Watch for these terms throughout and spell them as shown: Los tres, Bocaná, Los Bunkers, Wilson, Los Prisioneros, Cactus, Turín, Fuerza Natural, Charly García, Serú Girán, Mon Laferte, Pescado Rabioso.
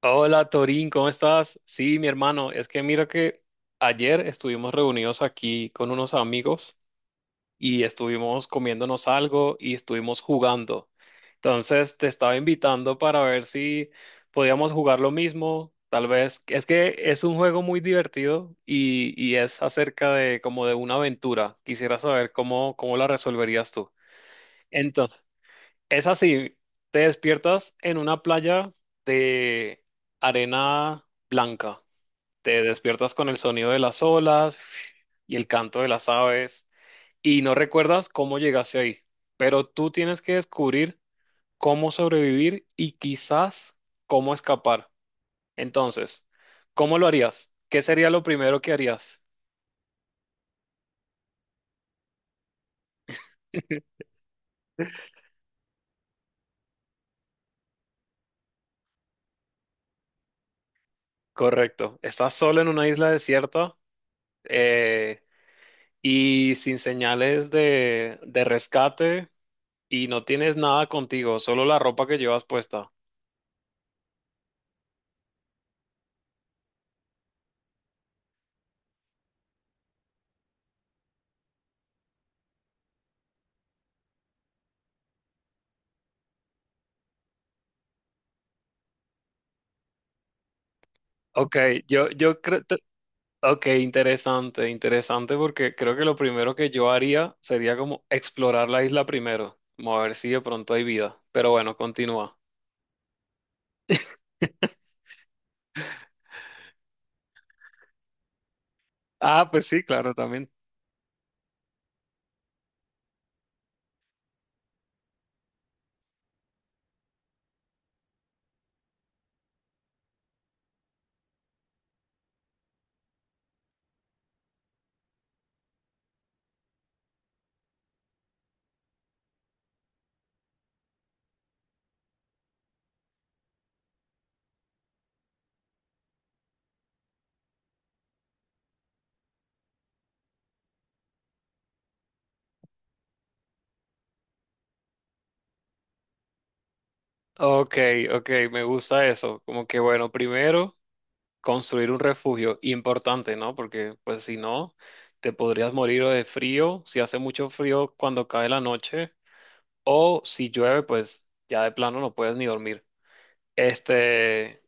Hola Torín, ¿cómo estás? Sí, mi hermano, es que mira que ayer estuvimos reunidos aquí con unos amigos y estuvimos comiéndonos algo y estuvimos jugando. Entonces te estaba invitando para ver si podíamos jugar lo mismo. Tal vez, es que es un juego muy divertido y es acerca de como de una aventura. Quisiera saber cómo la resolverías tú. Es así, te despiertas en una playa de arena blanca, te despiertas con el sonido de las olas y el canto de las aves y no recuerdas cómo llegaste ahí, pero tú tienes que descubrir cómo sobrevivir y quizás cómo escapar. Entonces, ¿cómo lo harías? ¿Qué sería lo primero que harías? Correcto, estás solo en una isla desierta. eh, y sin señales de rescate y no tienes nada contigo, solo la ropa que llevas puesta. Ok, yo creo, te- ok, interesante, interesante porque creo que lo primero que yo haría sería como explorar la isla primero, como a ver si de pronto hay vida. Pero bueno, continúa. Ah, pues sí, claro, también. Ok, ok, me gusta eso. Como que bueno, primero construir un refugio importante, ¿no? Porque pues si no, te podrías morir o de frío, si hace mucho frío cuando cae la noche, o si llueve, pues ya de plano no puedes ni dormir. Este,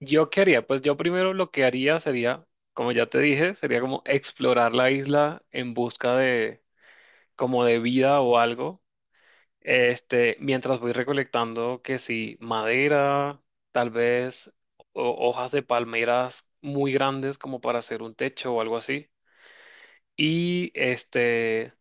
yo qué haría, pues yo primero lo que haría sería, como ya te dije, sería como explorar la isla en busca de como de vida o algo. Mientras voy recolectando que sí, madera, tal vez hojas de palmeras muy grandes como para hacer un techo o algo así. Y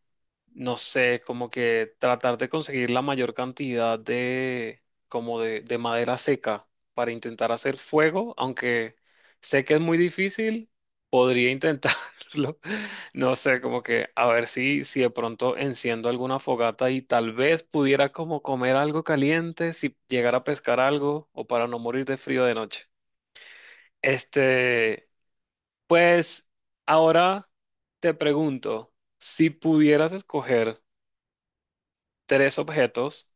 no sé, como que tratar de conseguir la mayor cantidad como de madera seca para intentar hacer fuego, aunque sé que es muy difícil, podría intentarlo. No sé, como que a ver si, si de pronto enciendo alguna fogata y tal vez pudiera como comer algo caliente, si llegara a pescar algo o para no morir de frío de noche. Este, pues ahora te pregunto, si pudieras escoger tres objetos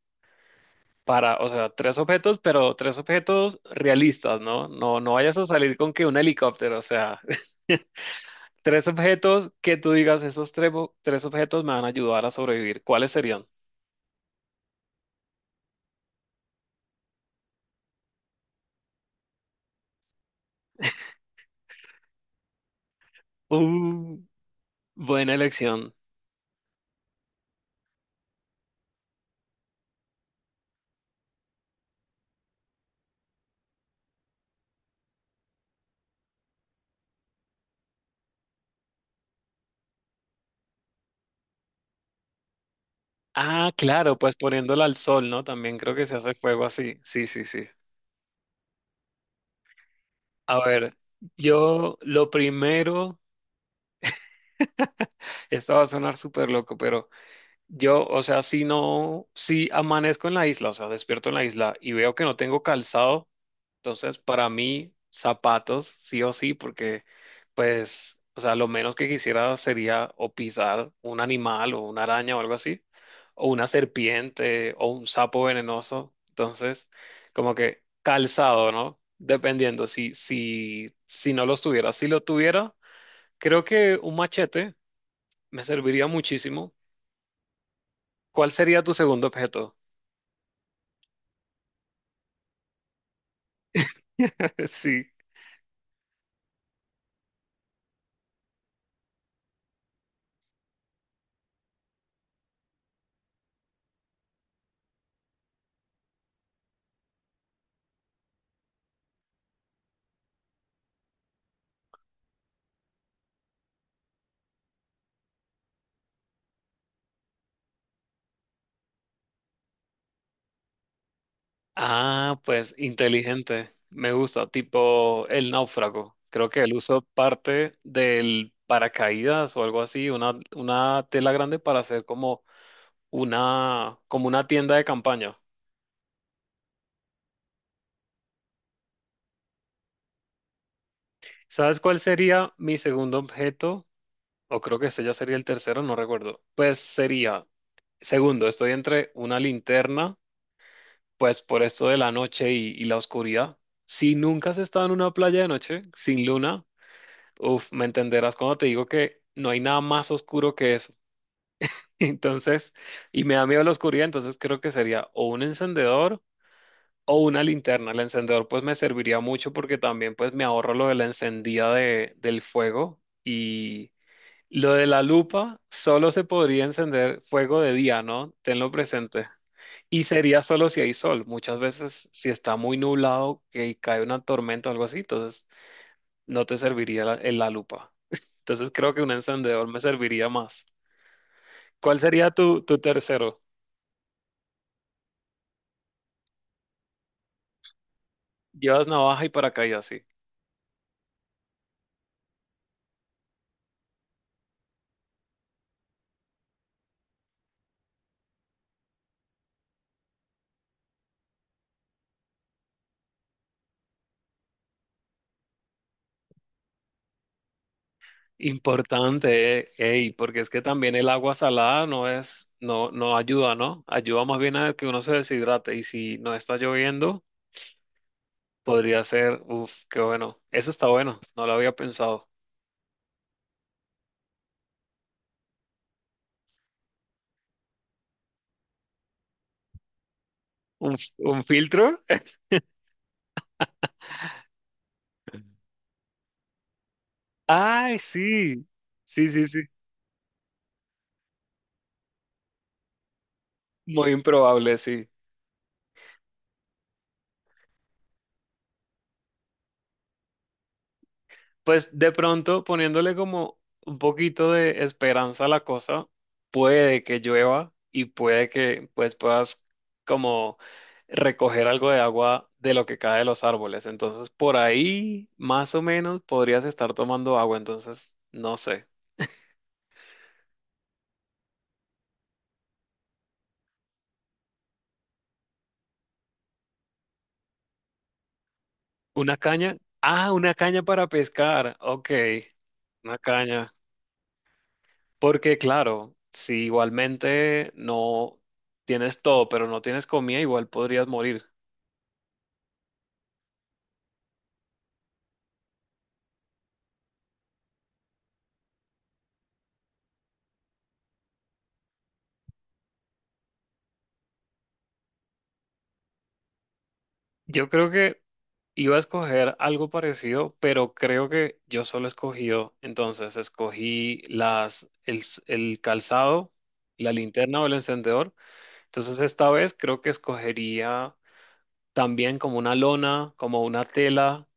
para, o sea, tres objetos, pero tres objetos realistas, ¿no? No, no vayas a salir con que un helicóptero, o sea, tres objetos que tú digas, esos tres, tres objetos me van a ayudar a sobrevivir. ¿Cuáles serían? Uh, buena elección. Ah, claro, pues poniéndola al sol, ¿no? También creo que se hace fuego así. Sí, sí, sí. A ver, yo lo primero, esto va a sonar súper loco, pero yo, o sea, si no, si amanezco en la isla, o sea, despierto en la isla y veo que no tengo calzado, entonces para mí zapatos sí o sí, porque pues, o sea, lo menos que quisiera sería o pisar un animal o una araña o algo así, o una serpiente o un sapo venenoso, entonces como que calzado, ¿no? Dependiendo si no los tuviera, si lo tuviera, creo que un machete me serviría muchísimo. ¿Cuál sería tu segundo objeto? Sí. Ah, pues inteligente. Me gusta, tipo el náufrago. Creo que él usó parte del paracaídas o algo así, una tela grande para hacer como una tienda de campaña. ¿Sabes cuál sería mi segundo objeto? O creo que este ya sería el tercero, no recuerdo. Pues sería, segundo, estoy entre una linterna pues por esto de la noche y la oscuridad. Si nunca has estado en una playa de noche sin luna, uff, me entenderás cuando te digo que no hay nada más oscuro que eso. Entonces, y me da miedo la oscuridad, entonces creo que sería o un encendedor o una linterna. El encendedor pues me serviría mucho porque también pues me ahorro lo de la encendida del fuego y lo de la lupa solo se podría encender fuego de día, ¿no? Tenlo presente. Y sería solo si hay sol. Muchas veces, si está muy nublado, que cae una tormenta o algo así, entonces no te serviría en la lupa. Entonces creo que un encendedor me serviría más. ¿Cuál sería tu tercero? Llevas navaja y paracaídas, sí. Importante, ey, porque es que también el agua salada no es, no, no ayuda, ¿no? Ayuda más bien a que uno se deshidrate. Y si no está lloviendo, podría ser, uff, qué bueno. Eso está bueno, no lo había pensado. Un filtro? Ay, sí, sí, sí, sí, muy improbable, sí. Pues de pronto, poniéndole como un poquito de esperanza a la cosa, puede que llueva y puede que pues puedas como recoger algo de agua de lo que cae de los árboles. Entonces, por ahí, más o menos, podrías estar tomando agua. Entonces, no sé. ¿Una caña? Ah, una caña para pescar. Ok, una caña. Porque claro, si igualmente no tienes todo, pero no tienes comida, igual podrías morir. Yo creo que iba a escoger algo parecido, pero creo que yo solo he escogido, entonces escogí las, el, s- el calzado, la linterna o el encendedor. Entonces esta vez creo que escogería también como una lona, como una tela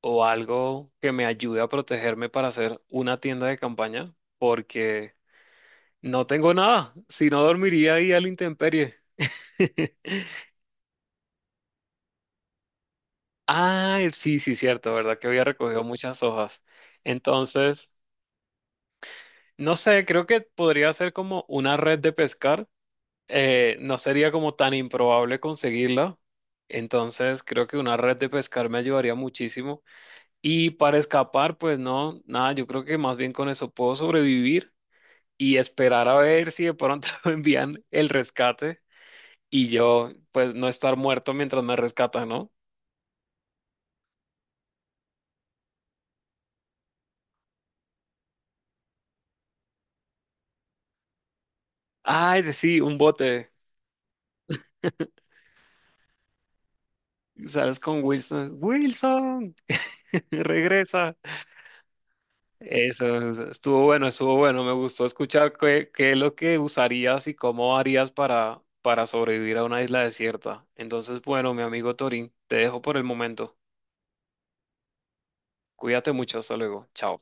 o algo que me ayude a protegerme para hacer una tienda de campaña, porque no tengo nada, si no dormiría ahí a la intemperie. Ah, sí, sí, cierto, ¿verdad? Que había recogido muchas hojas. Entonces, no sé, creo que podría ser como una red de pescar. No sería como tan improbable conseguirla. Entonces, creo que una red de pescar me ayudaría muchísimo. Y para escapar, pues no, nada, yo creo que más bien con eso puedo sobrevivir y esperar a ver si de pronto me envían el rescate. Y yo, pues, no estar muerto mientras me rescatan, ¿no? Ah, es sí, un bote. Sales con Wilson. Wilson, regresa. Eso, estuvo bueno, estuvo bueno. Me gustó escuchar qué es lo que usarías y cómo harías para sobrevivir a una isla desierta. Entonces, bueno, mi amigo Torín, te dejo por el momento. Cuídate mucho, hasta luego. Chao.